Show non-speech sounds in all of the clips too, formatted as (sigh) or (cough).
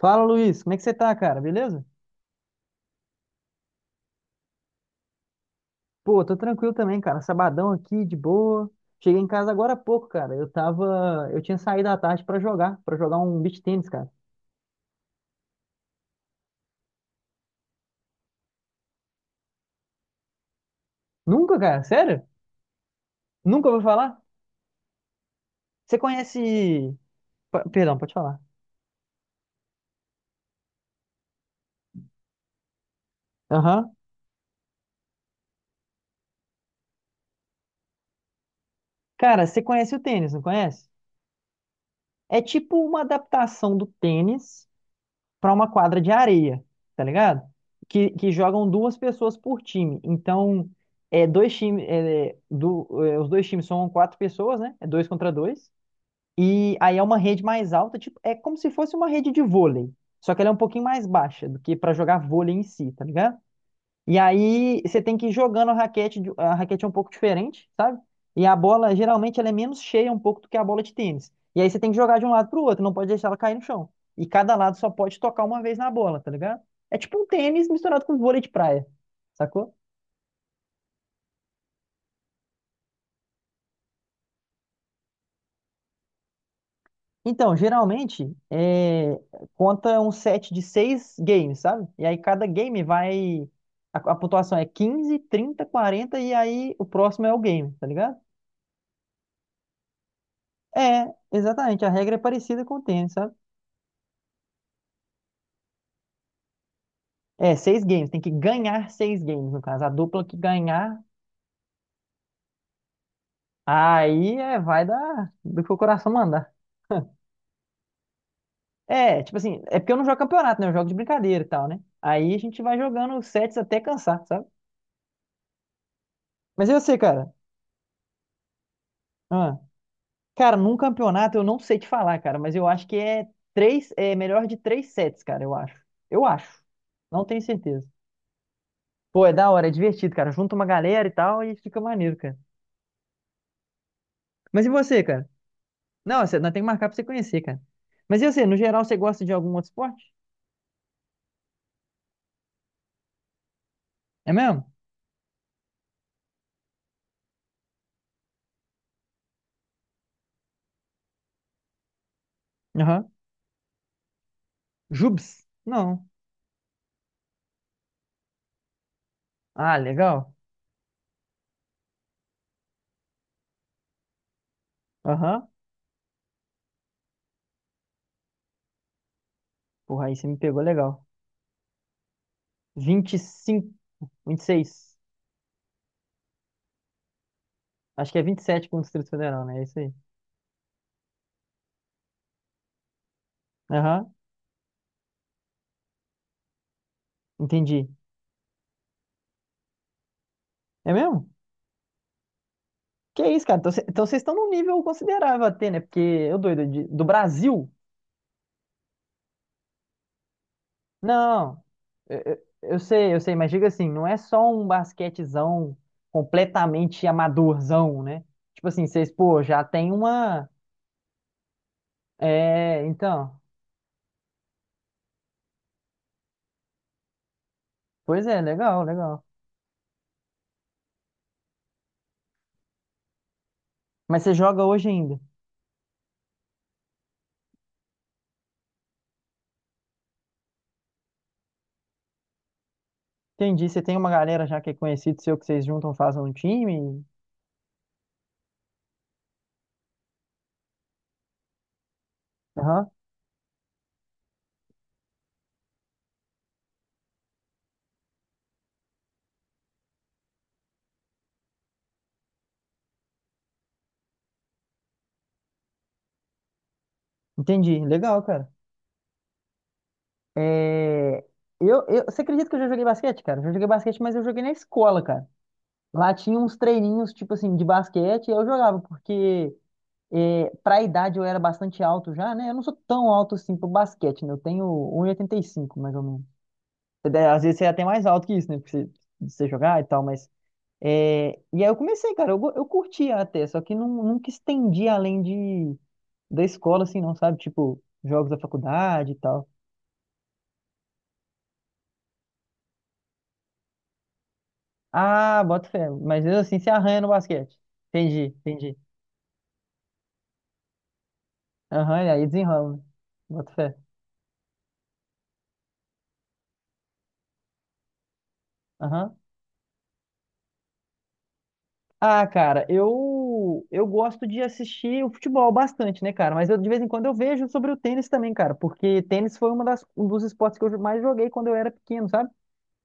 Fala, Luiz, como é que você tá, cara? Beleza? Pô, tô tranquilo também, cara. Sabadão aqui, de boa. Cheguei em casa agora há pouco, cara. Eu tinha saído à tarde pra jogar um beach tênis, cara. Nunca, cara? Sério? Nunca ouviu falar? Você conhece, Perdão, pode falar. Aham. Cara, você conhece o tênis, não conhece? É tipo uma adaptação do tênis, para uma quadra de areia, tá ligado? Que jogam duas pessoas por time. Então, é dois times, os dois times são quatro pessoas, né? É dois contra dois. E aí é uma rede mais alta, tipo, é como se fosse uma rede de vôlei, só que ela é um pouquinho mais baixa do que para jogar vôlei em si, tá ligado? E aí você tem que ir jogando a raquete, a raquete é um pouco diferente, sabe? E a bola geralmente ela é menos cheia um pouco do que a bola de tênis. E aí você tem que jogar de um lado para o outro, não pode deixar ela cair no chão. E cada lado só pode tocar uma vez na bola, tá ligado? É tipo um tênis misturado com vôlei de praia, sacou? Então, geralmente conta um set de seis games, sabe? E aí cada game vai. A pontuação é 15 30 40 e aí o próximo é o game, tá ligado? É, exatamente. A regra é parecida com o tênis, sabe? É, seis games, tem que ganhar seis games, no caso. A dupla que ganhar, aí vai do que o coração mandar. (laughs) É, tipo assim, é porque eu não jogo campeonato, né? Eu jogo de brincadeira e tal, né? Aí a gente vai jogando sets até cansar, sabe? Mas eu sei, cara. Ah, cara, num campeonato eu não sei te falar, cara, mas eu acho que é melhor de três sets, cara, eu acho. Eu acho. Não tenho certeza. Pô, é da hora, é divertido, cara. Junta uma galera e tal e fica maneiro, cara. Mas e você, cara? Não, nós temos que marcar pra você conhecer, cara. Mas e você, no geral, você gosta de algum outro esporte? É mesmo? Aham. Jubes? Não. Ah, legal. Aham. Porra, aí você me pegou legal. Vinte e cinco, 26. Acho que é 27 com o Distrito Federal, né? É isso aí. Aham. Entendi. É mesmo? Que isso, cara? Então vocês estão num nível considerável até, né? Porque eu do Brasil. Não, eu sei, eu sei, mas diga assim, não é só um basquetezão completamente amadorzão, né? Tipo assim, vocês, pô, já tem uma. É, então. Pois é, legal, legal. Mas você joga hoje ainda. Entendi. Você tem uma galera já que é conhecido seu que vocês juntam, fazem um time. Aham. Entendi. Legal, cara. É, você acredita que eu já joguei basquete, cara? Eu já joguei basquete, mas eu joguei na escola, cara. Lá tinha uns treininhos, tipo assim, de basquete, e eu jogava, porque. Para a idade eu era bastante alto já, né? Eu não sou tão alto assim pro basquete, né? Eu tenho um 1,85 mais ou menos. Às vezes você é até mais alto que isso, né? Porque você, de você jogar e tal, mas. E aí eu comecei, cara, eu curtia até, só que não, nunca estendi além de da escola, assim, não, sabe? Tipo, jogos da faculdade e tal. Ah, bota fé. Mas mesmo assim se arranha no basquete. Entendi, entendi. Aham, e aí desenrola, né? Bota fé. Aham. Ah, cara, eu gosto de assistir o futebol bastante, né, cara? Mas eu de vez em quando eu vejo sobre o tênis também, cara, porque tênis foi um dos esportes que eu mais joguei quando eu era pequeno, sabe?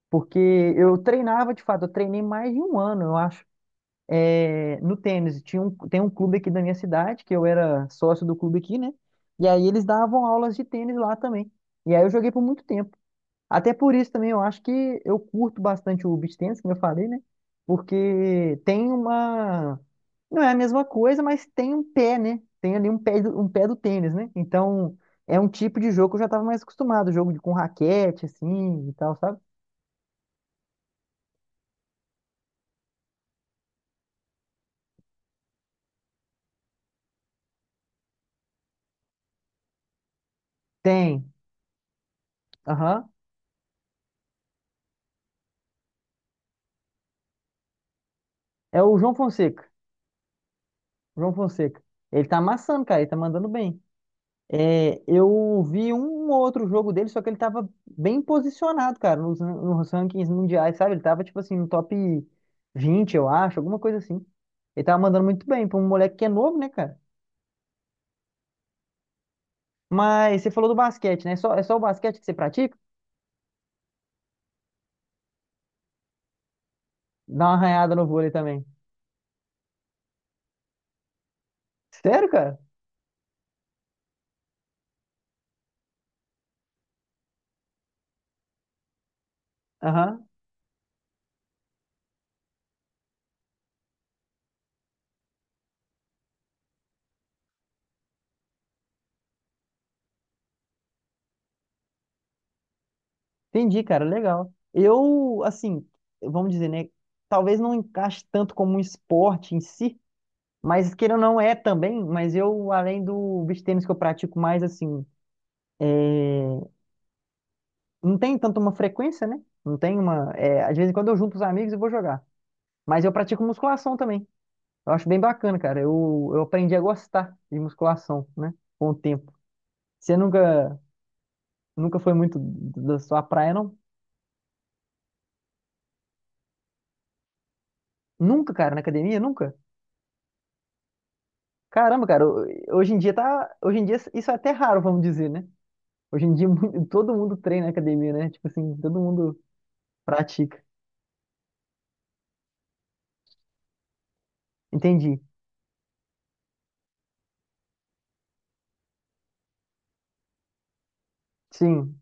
Porque eu treinava, de fato, eu treinei mais de um ano, eu acho, no tênis. Tem um clube aqui da minha cidade, que eu era sócio do clube aqui, né? E aí eles davam aulas de tênis lá também. E aí eu joguei por muito tempo. Até por isso também eu acho que eu curto bastante o beach tennis, como eu falei, né? Porque tem uma. Não é a mesma coisa, mas tem um pé, né? Tem ali um pé do tênis, né? Então é um tipo de jogo que eu já estava mais acostumado, com raquete, assim e tal, sabe? Tem. Aham. É o João Fonseca. João Fonseca. Ele tá amassando, cara, ele tá mandando bem. É, eu vi um ou outro jogo dele, só que ele tava bem posicionado, cara, nos rankings mundiais, sabe? Ele tava, tipo assim, no top 20, eu acho, alguma coisa assim. Ele tava mandando muito bem pra um moleque que é novo, né, cara? Mas você falou do basquete, né? É só o basquete que você pratica? Dá uma arranhada no vôlei também. Sério, cara? Aham. Entendi, cara, legal. Eu, assim, vamos dizer, né? Talvez não encaixe tanto como um esporte em si, mas queira ou não é também, mas eu, além do beach tênis que eu pratico mais assim, não tem tanto uma frequência, né? Não tem uma. Às vezes, quando eu junto os amigos eu vou jogar. Mas eu pratico musculação também. Eu acho bem bacana, cara. Eu aprendi a gostar de musculação, né? Com o tempo. Você nunca, nunca foi muito da sua praia, não? Nunca, cara, na academia? Nunca? Caramba, cara, hoje em dia tá. Hoje em dia isso é até raro, vamos dizer, né? Hoje em dia (laughs) todo mundo treina na academia, né? Tipo assim, todo mundo pratica. Entendi. Sim.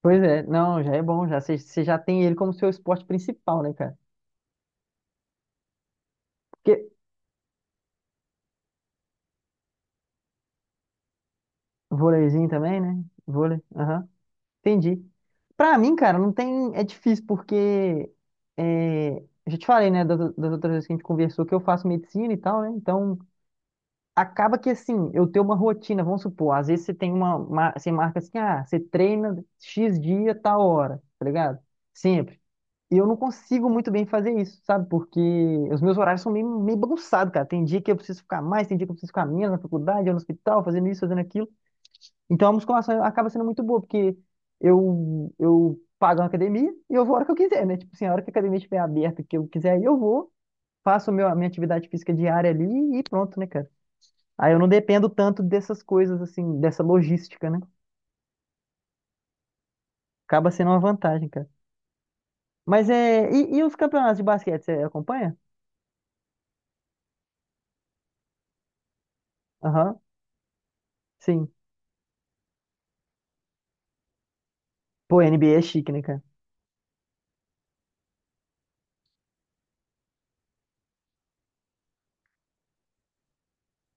Pois é, não, já é bom, já você já tem ele como seu esporte principal, né, cara? Porque vôleizinho também, né? Vôlei, aham, entendi. Pra mim, cara, não tem, é difícil porque eu já te falei, né, das outras vezes que a gente conversou que eu faço medicina e tal, né? Então acaba que assim, eu tenho uma rotina, vamos supor, às vezes você tem você marca assim, ah, você treina X dia, tal hora, tá ligado? Sempre. E eu não consigo muito bem fazer isso, sabe? Porque os meus horários são meio bagunçados, cara. Tem dia que eu preciso ficar mais, tem dia que eu preciso ficar menos na faculdade, ou no hospital, fazendo isso, fazendo aquilo. Então a musculação acaba sendo muito boa, porque eu pago uma academia e eu vou a hora que eu quiser, né? Tipo assim, a hora que a academia estiver aberta, que eu quiser, aí eu vou, faço a minha atividade física diária ali e pronto, né, cara? Aí eu não dependo tanto dessas coisas, assim, dessa logística, né? Acaba sendo uma vantagem, cara. Mas é. E os campeonatos de basquete, você acompanha? Aham, sim. Pô, NBA é chique, né, cara?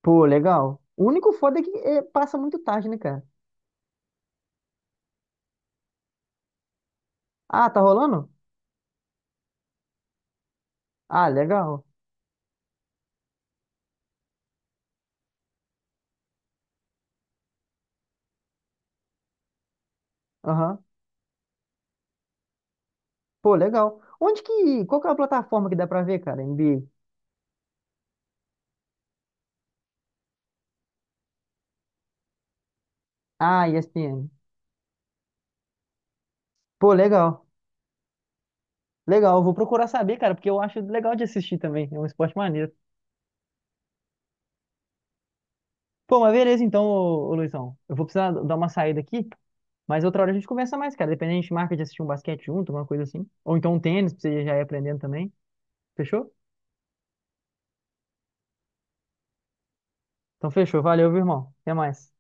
Pô, legal. O único foda é que passa muito tarde, né, cara? Ah, tá rolando? Ah, legal. Aham. Pô, legal. Onde que. Qual que é a plataforma que dá pra ver, cara? NBA. Ah, ESPN. Pô, legal. Legal. Eu vou procurar saber, cara, porque eu acho legal de assistir também. É um esporte maneiro. Pô, mas beleza então, ô Luizão. Eu vou precisar dar uma saída aqui, mas outra hora a gente conversa mais, cara. Dependendo, a gente marca de assistir um basquete junto, alguma coisa assim. Ou então um tênis, pra você já ir aprendendo também. Fechou? Então fechou. Valeu, viu, irmão. Até mais.